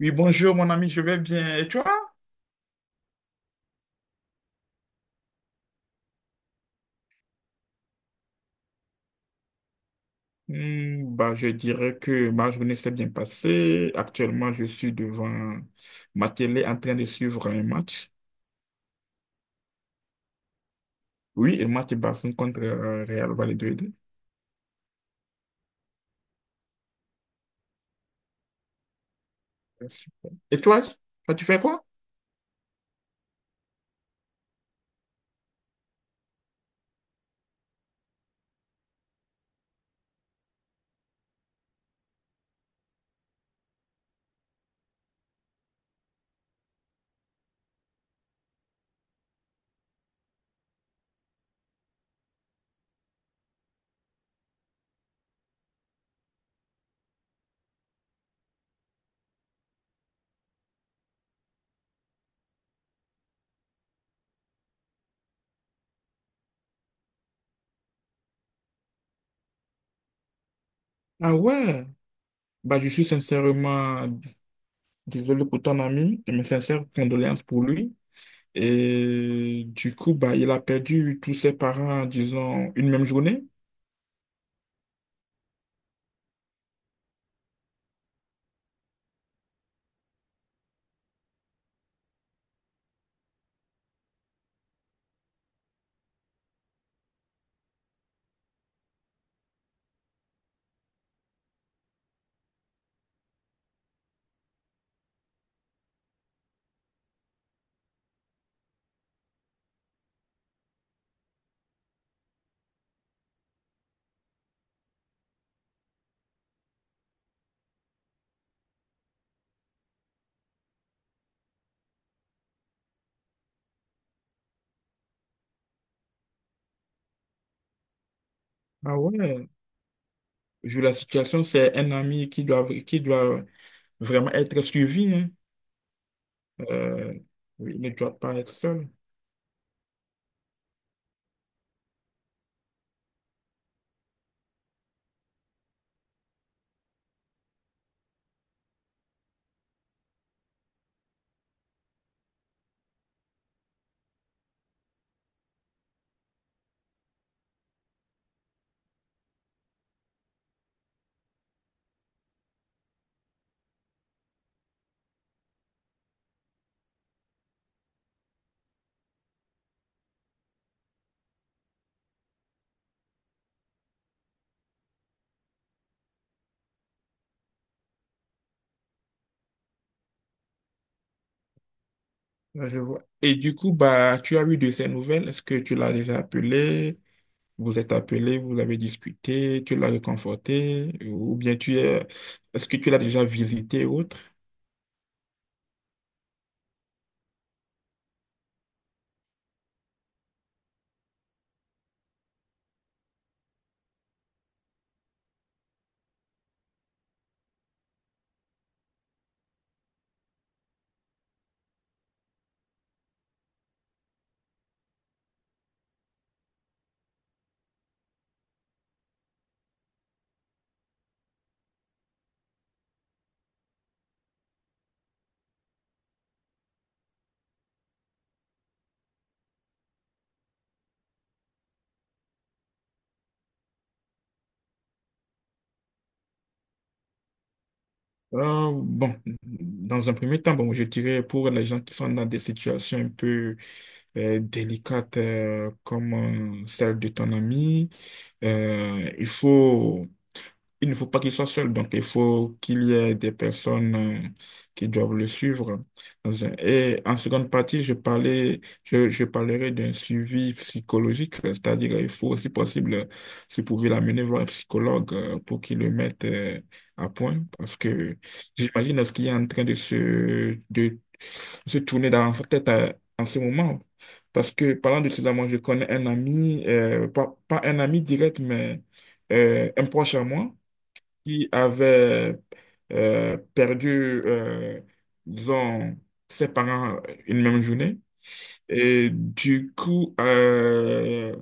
Oui, bonjour mon ami, je vais bien. Et toi? Je dirais que ma journée s'est bien passée. Actuellement, je suis devant ma télé en train de suivre un match. Oui, le match de Barcelone contre Real Valladolid. Ah, super. Et toi? Toi, tu fais quoi? Ah ouais. Je suis sincèrement désolé pour ton ami, mes sincères condoléances pour lui. Et du coup, il a perdu tous ses parents, disons, une même journée. Ah ouais. Vu la situation, c'est un ami qui doit vraiment être suivi, hein. Euh, oui, il ne doit pas être seul. Là, je vois. Et du coup, tu as eu de ses nouvelles. Est-ce que tu l'as déjà appelé? Vous êtes appelé, vous avez discuté, tu l'as réconforté, ou bien tu es, est-ce que tu l'as déjà visité ou autre? Bon, dans un premier temps, bon, je dirais pour les gens qui sont dans des situations un peu délicates comme celle de ton ami, euh, il faut il ne faut pas qu'il soit seul, donc il faut qu'il y ait des personnes qui doivent le suivre. Et en seconde partie, je parlerai d'un suivi psychologique, c'est-à-dire il faut, si possible, si vous pouvez l'amener voir un psychologue pour qu'il le mette à point, parce que j'imagine ce qui est en train de se tourner dans sa tête en ce moment. Parce que parlant de ces amants, je connais un ami, pas un ami direct, mais un proche à moi qui avait perdu, euh, disons, ses parents une même journée. Et du coup,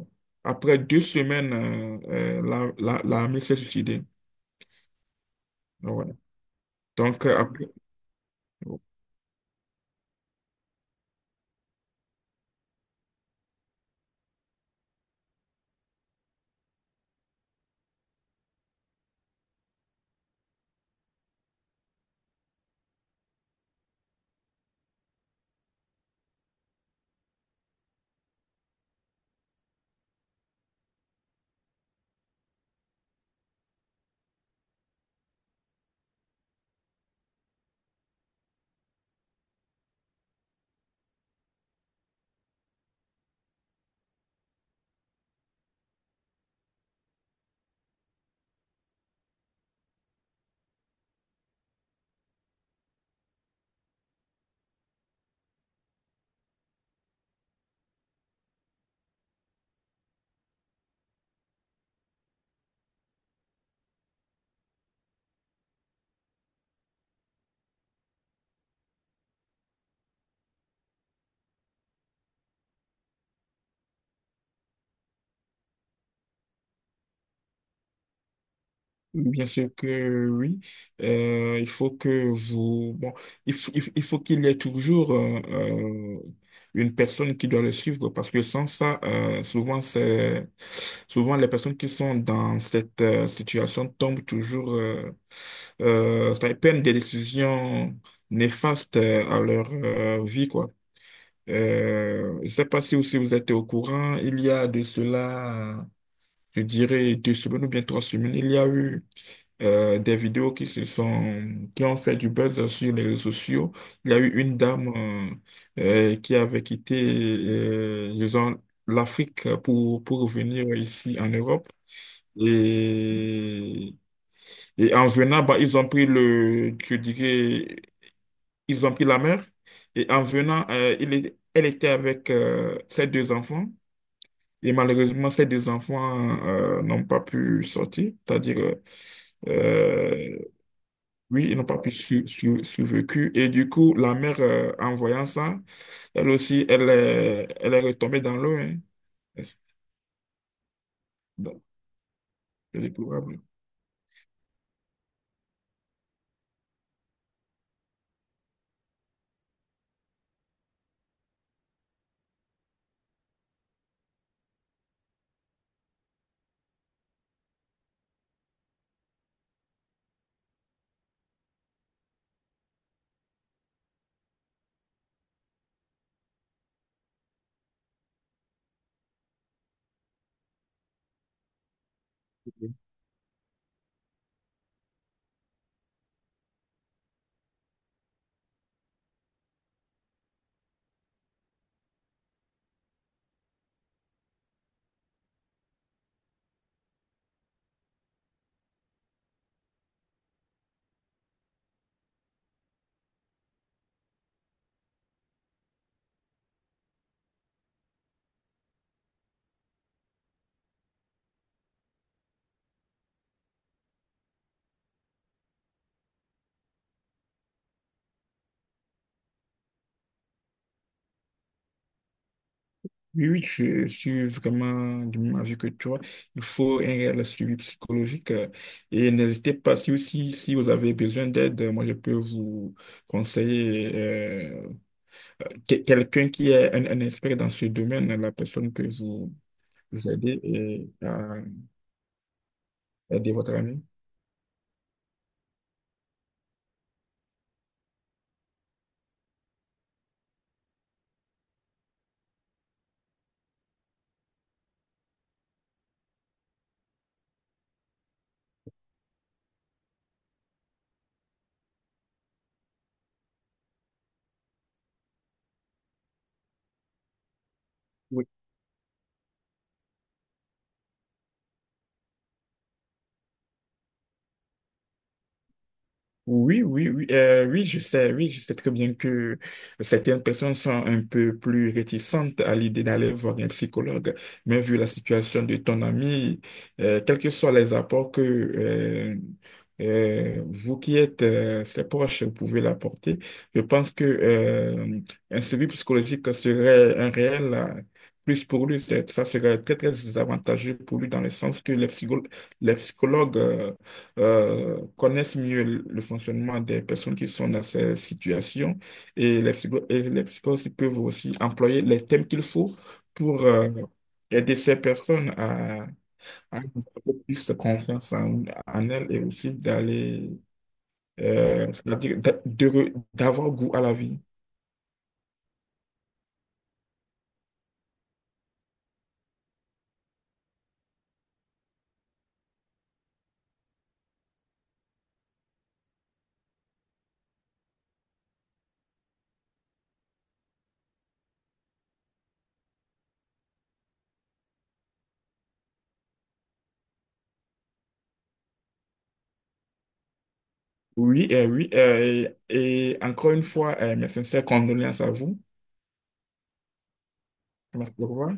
après deux semaines, euh, l'armée s'est suicidée. Ouais. Donc, après, bien sûr que oui. Il faut que vous... Bon, il faut qu'il y ait toujours une personne qui doit le suivre parce que sans ça, souvent, c'est... souvent les personnes qui sont dans cette situation tombent toujours... Ça, ils prennent des décisions néfastes à leur vie, quoi. Je sais pas si aussi vous êtes au courant, il y a de cela, je dirais, deux semaines ou bien trois semaines, il y a eu des vidéos qui ont fait du buzz sur les réseaux sociaux. Il y a eu une dame qui avait quitté, disons, l'Afrique pour revenir ici en Europe. Et, et en venant, bah, ils ont pris le, je dirais, ils ont pris la mer. Et en venant, elle était avec ses deux enfants. Et malheureusement, ces deux enfants n'ont pas pu sortir, c'est-à-dire euh, oui, ils n'ont pas pu su- su- survécu. Et du coup, la mère, en voyant ça, elle est retombée dans l'eau, hein. Donc, c'est déplorable. Oui, oui, je suis vraiment du même avis que toi. Il faut un réel suivi psychologique. Et n'hésitez pas, si vous avez besoin d'aide, moi, je peux vous conseiller quelqu'un qui est un expert dans ce domaine. La personne peut vous vous aidez et aider votre ami. Oui, oui, oui, oui, je sais très bien que certaines personnes sont un peu plus réticentes à l'idée d'aller voir un psychologue, mais vu la situation de ton ami, quels que soient les apports que vous qui êtes ses proches pouvez l'apporter, je pense que un suivi psychologique serait un réel plus pour lui. Ça serait très, très avantageux pour lui dans le sens que les psychologues connaissent mieux le fonctionnement des personnes qui sont dans ces situations et et les psychologues peuvent aussi employer les thèmes qu'il faut pour aider ces personnes à avoir un peu plus confiance en, en elles et aussi d'aller, c'est-à-dire d'avoir goût à la vie. Oui, et oui, et encore une fois, mes sincères condoléances à vous. Merci, au revoir.